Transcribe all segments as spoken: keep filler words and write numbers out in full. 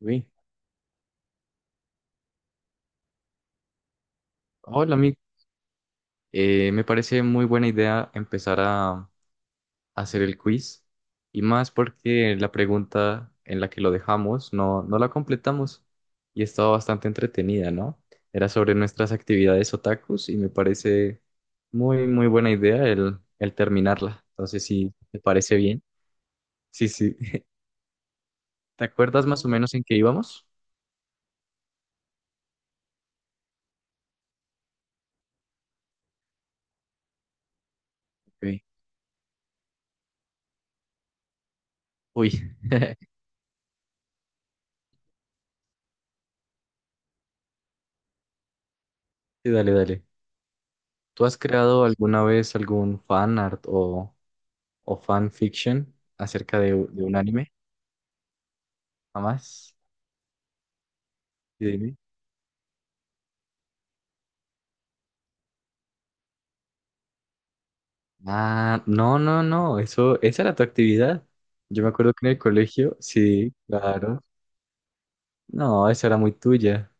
Uy, hola, mi, eh, me parece muy buena idea empezar a, hacer el quiz y más porque la pregunta en la que lo dejamos no, no la completamos y estaba bastante entretenida, ¿no? Era sobre nuestras actividades otakus y me parece muy, muy buena idea el, el terminarla. Entonces, si te parece bien. Sí, sí. ¿Te acuerdas más o menos en qué íbamos? Ok. Uy, sí, dale, dale. ¿Tú has creado alguna vez algún fanart o... o fanfiction acerca de, u- de un anime, jamás. Y dime, Ah, no, no, no, eso, esa era tu actividad. Yo me acuerdo que en el colegio, sí, claro. No, esa era muy tuya,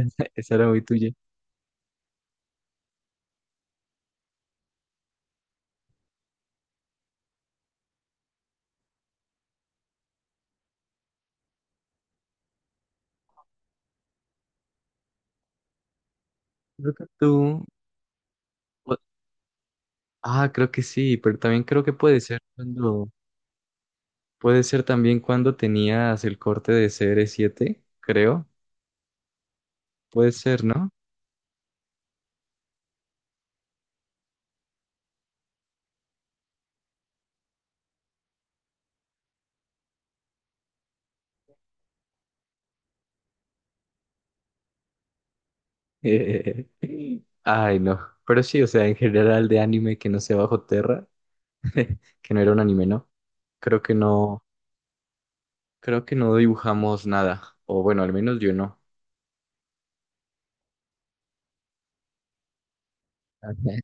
esa era muy tuya. Creo que tú, o- ah, creo que sí, pero también creo que puede ser cuando, puede ser también cuando tenías el corte de C cr siete creo, puede ser, ¿no? Ay, no, pero sí, o sea, en general de anime que no sea bajo tierra que no era un anime, ¿no? Creo que no, creo que no dibujamos nada, o bueno, al menos yo no. Ajá.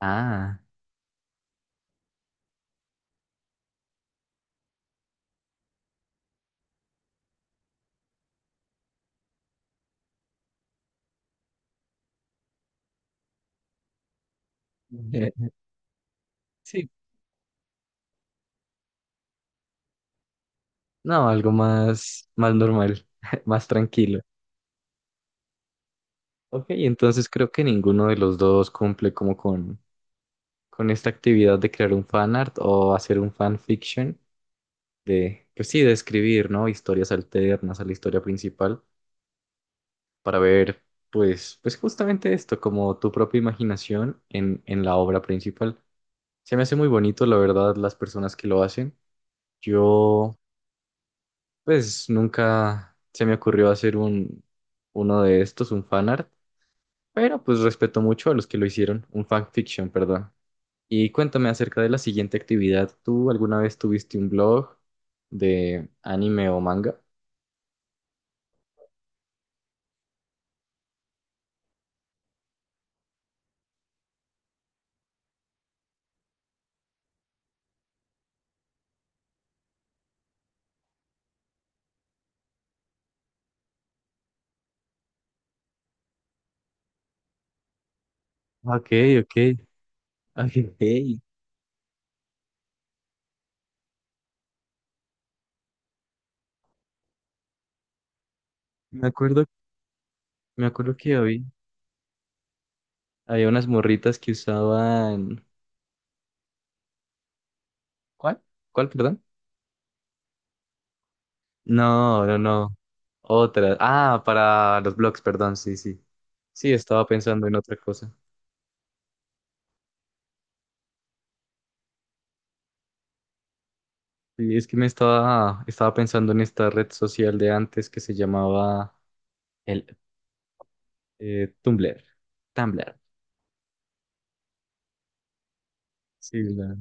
Ah, eh, sí, no, algo más, más normal, más tranquilo. Ok, entonces creo que ninguno de los dos cumple como con, con esta actividad de crear un fanart o hacer un fanfiction, de, pues sí, de escribir, ¿no? Historias alternas a la historia principal para ver, pues, pues justamente esto, como tu propia imaginación en, en la obra principal. Se me hace muy bonito, la verdad, las personas que lo hacen. Yo, pues, nunca se me ocurrió hacer un, uno de estos, un fanart, pero pues respeto mucho a los que lo hicieron, un fanfiction, perdón. Y cuéntame acerca de la siguiente actividad. ¿Tú alguna vez tuviste un blog de anime o manga? Ok, ok, ok. Me acuerdo, me acuerdo que había, había unas morritas que usaban... ¿Cuál? ¿Cuál, perdón? No, no, no. Otra. Ah, para los blogs, perdón, sí, sí. Sí, estaba pensando en otra cosa. Sí, es que me estaba, estaba pensando en esta red social de antes que se llamaba el eh, Tumblr. Tumblr. Sí, la-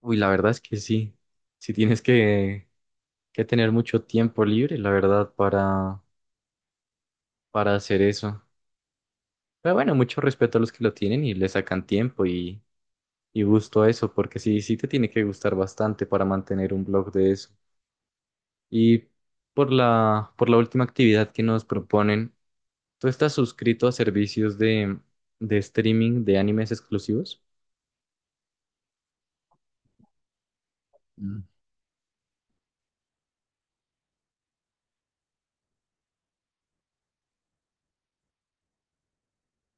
Uy, la verdad es que sí. si tienes que, que tener mucho tiempo libre, la verdad, para, para hacer eso. Pero bueno, mucho respeto a los que lo tienen y le sacan tiempo y, y gusto a eso, porque sí, sí te tiene que gustar bastante para mantener un blog de eso. Y por la, por la última actividad que nos proponen, ¿tú estás suscrito a servicios de, de streaming de animes exclusivos? Mm.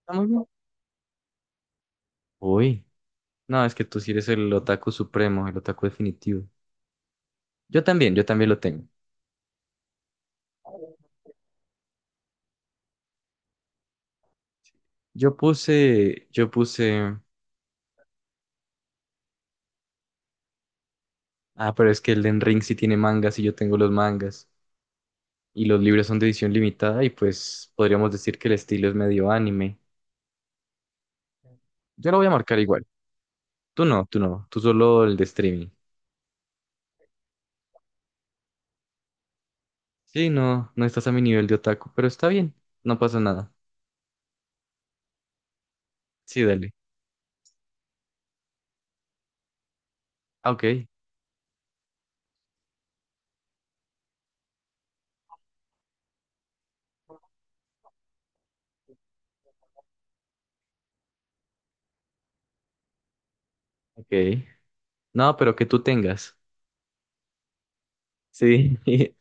Está muy bien. Uy, no, es que tú sí eres el otaku supremo, el otaku definitivo. Yo también, yo también lo tengo. Yo puse, yo puse, ah, pero es que Elden Ring sí tiene mangas y yo tengo los mangas. Y los libros son de edición limitada y pues podríamos decir que el estilo es medio anime. Yo lo voy a marcar igual. Tú no, tú no, tú solo el de streaming. Sí, no, no estás a mi nivel de otaku, pero está bien, no pasa nada. Sí, dale. Ah, Ok, ok. No, pero que tú tengas. Sí,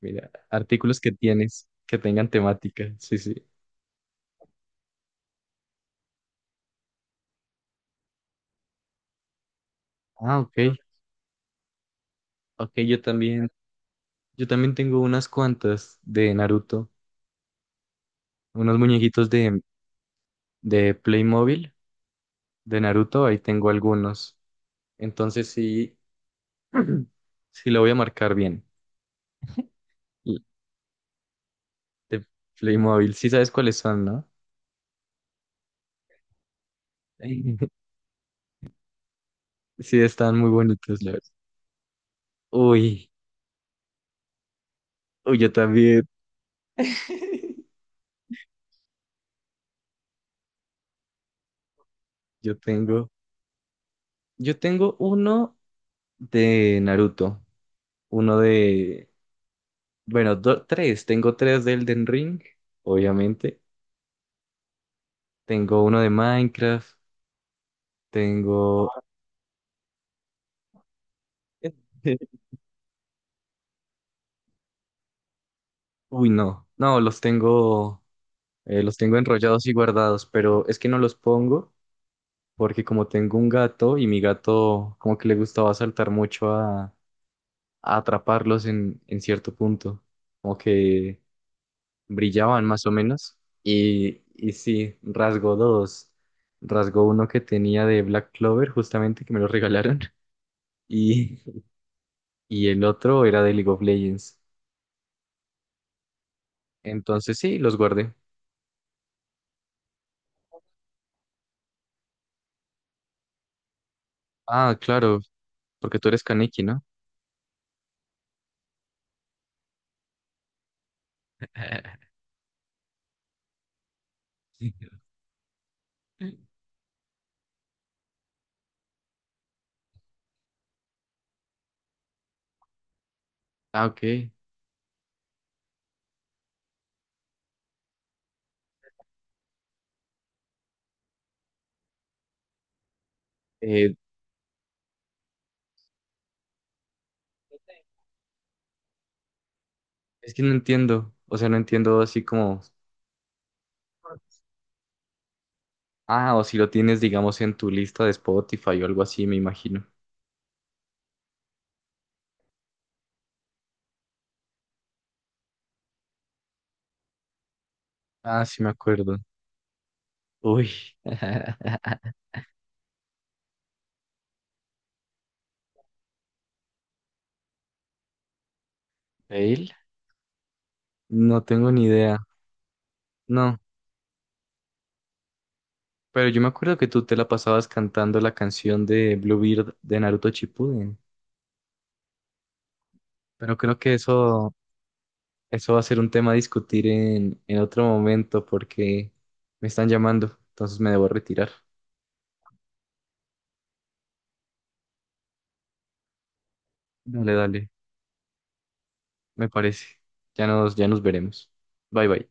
mira, artículos que tienes, que tengan temática. Sí, sí. Ah, ok. Ok, yo también, yo también tengo unas cuantas de Naruto, unos muñequitos de, de Playmobil de Naruto, ahí tengo algunos. Entonces sí, sí lo voy a marcar bien. Y De Playmobil, sí sabes cuáles son, ¿no? Sí, están muy bonitos, la verdad. Uy, uy, yo también, yo tengo, yo tengo uno de Naruto, uno de, bueno, do- tres, tengo tres de Elden Ring, obviamente, tengo uno de Minecraft, tengo, uy, no, no, los tengo, eh, los tengo enrollados y guardados, pero es que no los pongo porque como tengo un gato y mi gato como que le gustaba saltar mucho a, a atraparlos en, en cierto punto, como que brillaban más o menos. Y, y sí, rasgó dos. Rasgó uno que tenía de Black Clover, justamente, que me lo regalaron. Y, y el otro era de League of Legends. Entonces sí, los guardé. Ah, claro, porque tú eres Kaneki, ¿no? Ah, ok. Eh, es que no entiendo. O sea, no entiendo así como... Ah, o si lo tienes, digamos, en tu lista de Spotify o algo así, me imagino. Ah, sí me acuerdo. Uy. ¿Fail? No tengo ni idea. No, pero yo me acuerdo que tú te la pasabas cantando la canción de Bluebeard de Naruto Shippuden. Pero creo que eso, eso va a ser un tema a discutir en, en otro momento porque me están llamando, entonces me debo retirar. Dale, dale, me parece. Ya nos, ya nos veremos. Bye, bye.